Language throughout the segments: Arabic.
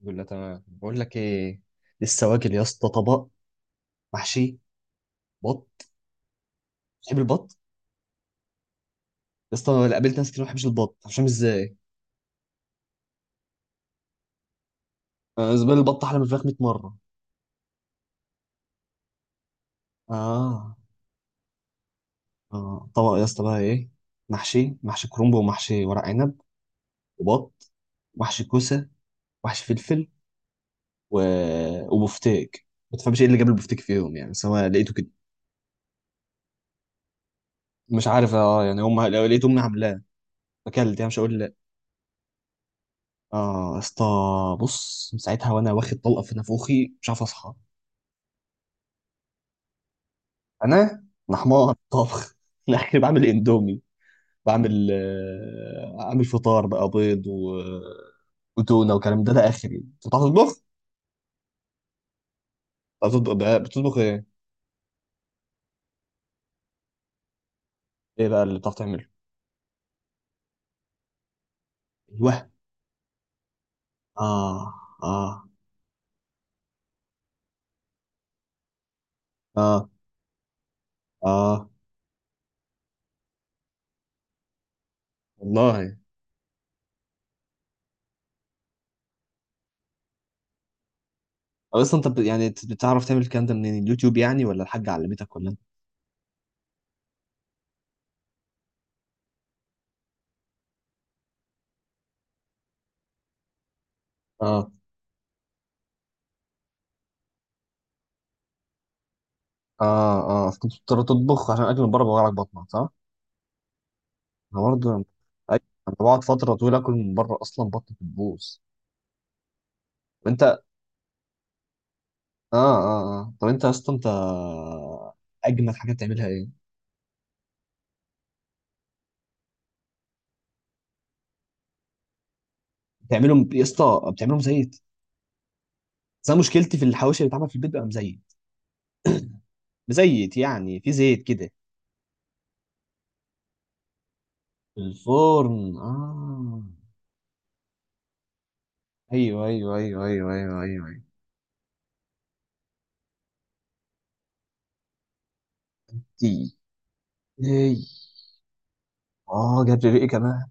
الحمد لله تمام، بقول لك ايه. لسه واكل يا اسطى طبق محشي بط. تحب البط؟ يا اسطى أنا قابلت ناس كتير ما بتحبش البط، مش فاهم ازاي. أنا بالنسبه لي البط احلى من الفراخ 100 مره. اه اه طبق يا اسطى بقى ايه، محشي، محشي كرنب ومحشي ورق عنب وبط، محشي كوسه، محشي فلفل و... وبفتيك. ما تفهمش ايه اللي جاب البفتيك فيهم يعني، بس هو لقيته كده. مش عارف، اه يعني هم لو لقيت امي عاملاه اكلت يعني، مش هقول لا. اه يا اسطى، بص من ساعتها وانا واخد طلقه في نافوخي مش عارف اصحى. انا انا حمار طبخ. لا انا بعمل اندومي، بعمل اعمل فطار بقى بيض و... وتونه وكلام ده. ده اخري، انت بتعرف تطبخ؟ بتعرف تطبخ بتطبخ ايه؟ ايه بقى اللي بتعرف تعمله؟ ايوه، اه اه اه اه، والله. أو اصلا انت بتعرف تعمل الكلام ده منين؟ اليوتيوب يعني، ولا الحاجه علمتك، ولا انت؟ اه اه اه، كنت بتضطر تطبخ عشان اكل من بره بوجعلك بطنك، صح؟ انا برضه، ايوه، انا بقعد فتره طويله اكل من بره اصلا بطني بتبوظ. وانت، اه اه اه، طب انت يا اسطى، انت اجمد حاجه بتعملها ايه؟ بتعملهم يا اسطى بتعملهم زيت؟ بس انا مشكلتي في الحواوشي اللي بيتعمل في البيت بقى مزيت. مزيت يعني في زيت كده. في الفرن، اه. ايوه ايوه ايوه ايوه ايوه ايوه ايوه. دي ايه؟ اه، جاب لي ريقي كمان.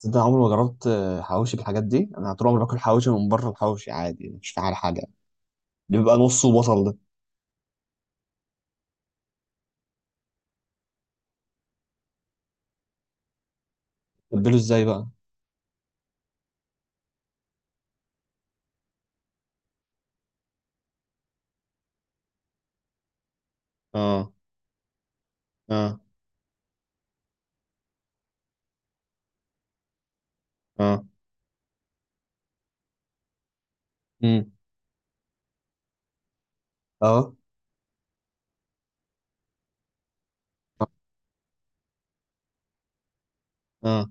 تصدق عمري ما جربت حواوشي بالحاجات دي؟ انا طول عمري باكل حواوشي من بره، الحواوشي عادي مش فاهم حاجه، بيبقى نصه بصل ده. تبله ازاي بقى؟ اه اه اه، امم، اه اه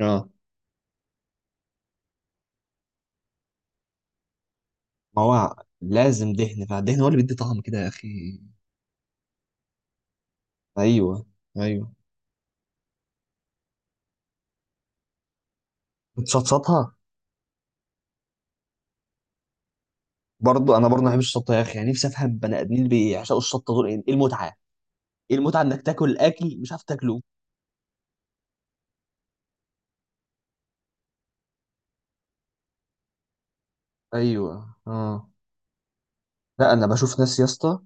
اه. ما هو لازم دهن، فالدهن هو اللي بيدي طعم كده يا اخي. ايوه ايوه. بتشطشطها؟ برضو انا برضو ما بحبش الشطه يا اخي، يعني نفسي افهم بني ادمين اللي بيعشقوا الشطه دول ايه، إيه المتعه؟ ايه المتعه انك تاكل اكل مش عارف تاكله؟ ايوه اه. لا انا بشوف ناس يا اسطى،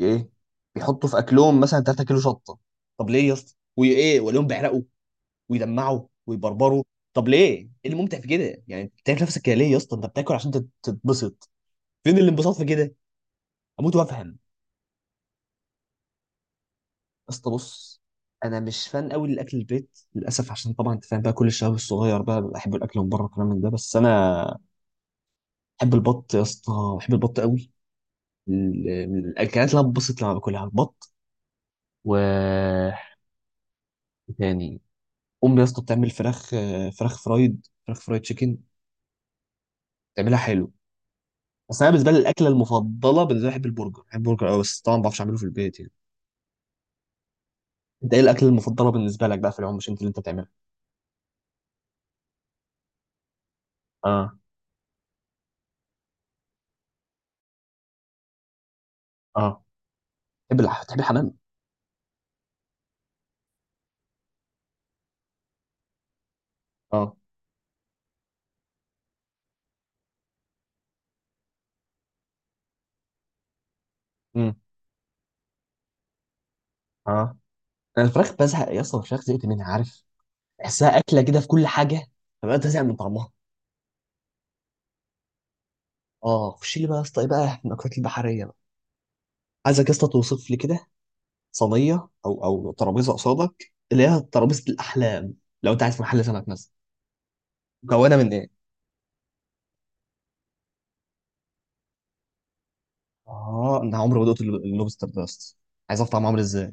ايه، بيحطوا في اكلهم مثلا 3 كيلو شطه. طب ليه يا اسطى، وايه وليهم بيعرقوا ويدمعوا ويبربروا؟ طب ليه، ايه الممتع في كده يعني؟ بتاكل نفسك كده ليه يا اسطى، انت بتاكل عشان تتبسط، فين الانبساط في كده؟ اموت وافهم. اسطى بص، انا مش فان قوي للاكل البيت للاسف، عشان طبعا انت فاهم بقى كل الشباب الصغير بقى بحب الاكل من بره والكلام من ده. بس انا بحب البط يا اسطى، بحب البط قوي. من الاكلات اللي انا ببسط لما باكلها البط، و إيه تاني، امي يا اسطى بتعمل فراخ، فراخ فرايد، فراخ فرايد تشيكن، بتعملها حلو. بس انا بالنسبه لي الاكله المفضله بالنسبه لي، بحب البرجر، بحب البرجر قوي، بس طبعا ما بعرفش اعمله في البيت يعني. انت ايه الاكله المفضله بالنسبه لك بقى في العموم، مش انت اللي انت بتعملها؟ اه اه. تحب الحمام؟ اه، امم، اه. انا الفراخ بزهق يا اسطى، الفراخ زهقت منها، عارف، بحسها اكله كده في كل حاجه، فبقيت ازهق من طعمها. اه، خش لي بقى يا اسطى ايه بقى المأكولات البحريه بقى. عايزك يا اسطى توصف لي كده صينيه او او ترابيزه قصادك اللي هي ترابيزه الاحلام، لو انت عايز في محل سمك مثلا، مكونه من ايه؟ اه انا عمري ما دقت اللوبستر ده يا اسطى، عايز اعرف طعمه عامل ازاي.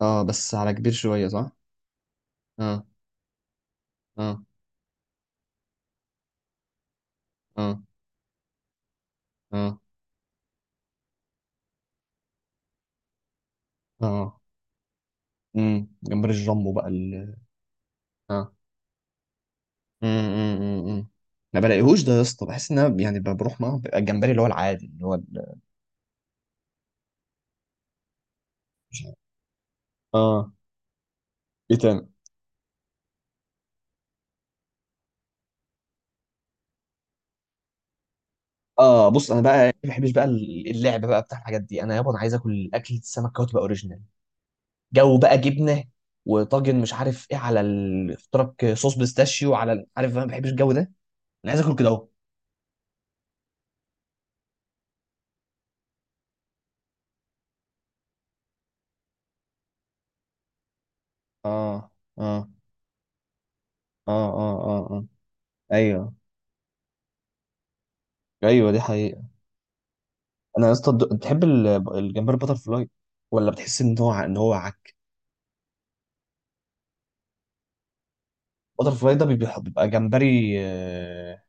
اه بس على كبير شويه، صح؟ اه اه اه اه اه. امم، جمبري الجامبو بقى ال... اه، امم. ما بلاقيهوش ده يا اسطى، بحس ان انا يعني بروح معاه، بيبقى الجمبري اللي هو العادي اللي هو ال-، مش عارف. اه، ايه تاني؟ اه بص انا بقى ما بحبش بقى اللعب بقى بتاع الحاجات دي، انا يابا انا عايز اكل اكل السمك كده تبقى اوريجينال. جو بقى جبنه وطاجن مش عارف ايه على ال... اختراق صوص بيستاشيو على ال-، عارف انا ما بحبش الجو ده، انا عايز اكل كده اهو. اه اه اه اه اه اه. ايوه، ايوه دي حقيقة. انا يا اسطى بتحب ال- الجمبري بتر فلاي، ولا بتحس ان هو ان هو، بتر فلاي ده بيبقى جمبري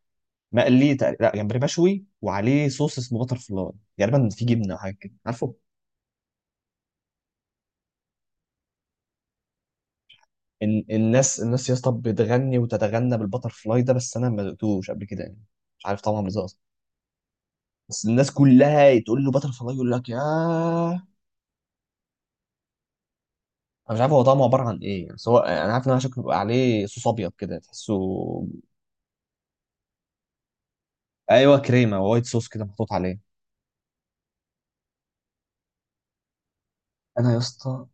مقلي تقريبا، لا جمبري مشوي وعليه صوص اسمه بتر فلاي، غالبا في جبنه او حاجه كده عارفه. ال- الناس يا اسطى بتغني وتتغنى بالبتر فلاي ده، بس انا ما دقتوش قبل كده يعني، مش عارف طعمه عامل ازاي اصلا. بس الناس كلها تقول له بتر فلاي، يقول لك يا، انا مش عارف هو طعمه عباره عن ايه يعني، سواء انا عارف ان هو شكله بيبقى عليه صوص ابيض كده تحسه. ايوه، كريمه، وايت صوص كده محطوط عليه. انا يا اسطى،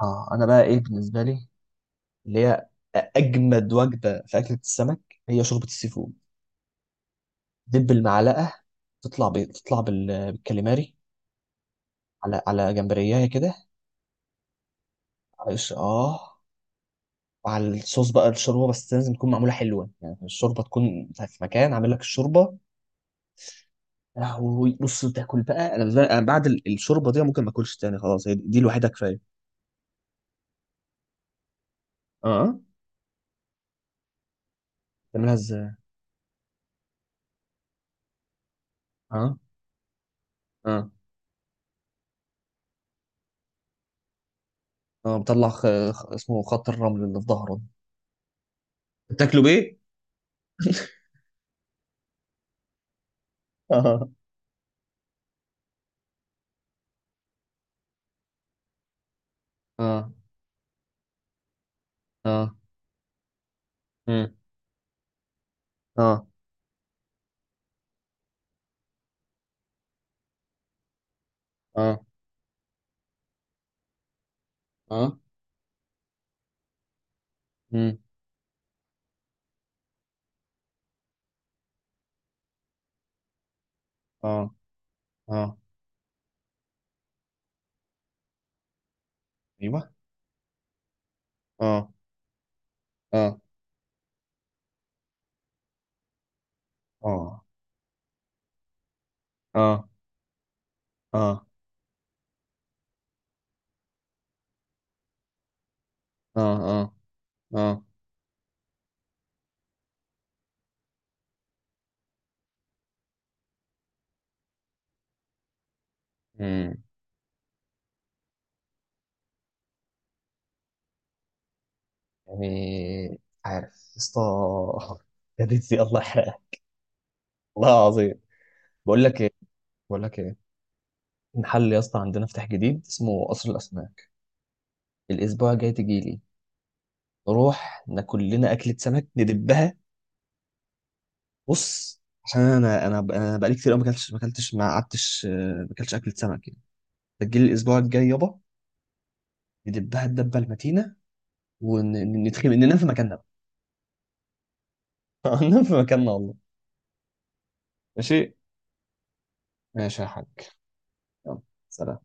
اه انا بقى ايه بالنسبه لي اللي هي اجمد وجبه في اكله السمك هي شوربه السي فود. دب المعلقه تطلع بي... تطلع بال... بالكاليماري، على على جمبريايه كده، على قش اه، وعلى الصوص بقى الشوربه، بس لازم تكون معموله حلوه يعني، الشوربه تكون في مكان عامل لك الشوربه يا لهوي. بص، تاكل بقى، انا أنا بعد ال- الشوربه دي ممكن ما اكلش تاني خلاص، هي دي الوحيده كفايه. اه، تعملها ازاي؟ اه اه اه، بطلع خ... خ... اسمه خط الرمل اللي في ظهره. بتاكله بايه؟ اه اه اه اه اه اه، امم، اه اه، ايوه، اه اه اه اه اه اه اه اه، امم. يعني مش عارف يا اسطى، يا دي الله يحرقها. والله العظيم، بقول لك ايه، بقول لك ايه، محل يا اسطى عندنا فتح جديد اسمه قصر الاسماك. الاسبوع الجاي تجي لي، نروح ناكل لنا اكله سمك ندبها. بص، عشان انا انا بقالي كتير قوي ما اكلتش، ما قعدتش ما اكلتش اكله سمك يعني. تجي لي الاسبوع الجاي يابا، ندبها الدبه المتينه، وندخل ننام في مكاننا بقى. ننام في مكاننا والله. ماشي. ماشي يا حاج. يلا، سلام.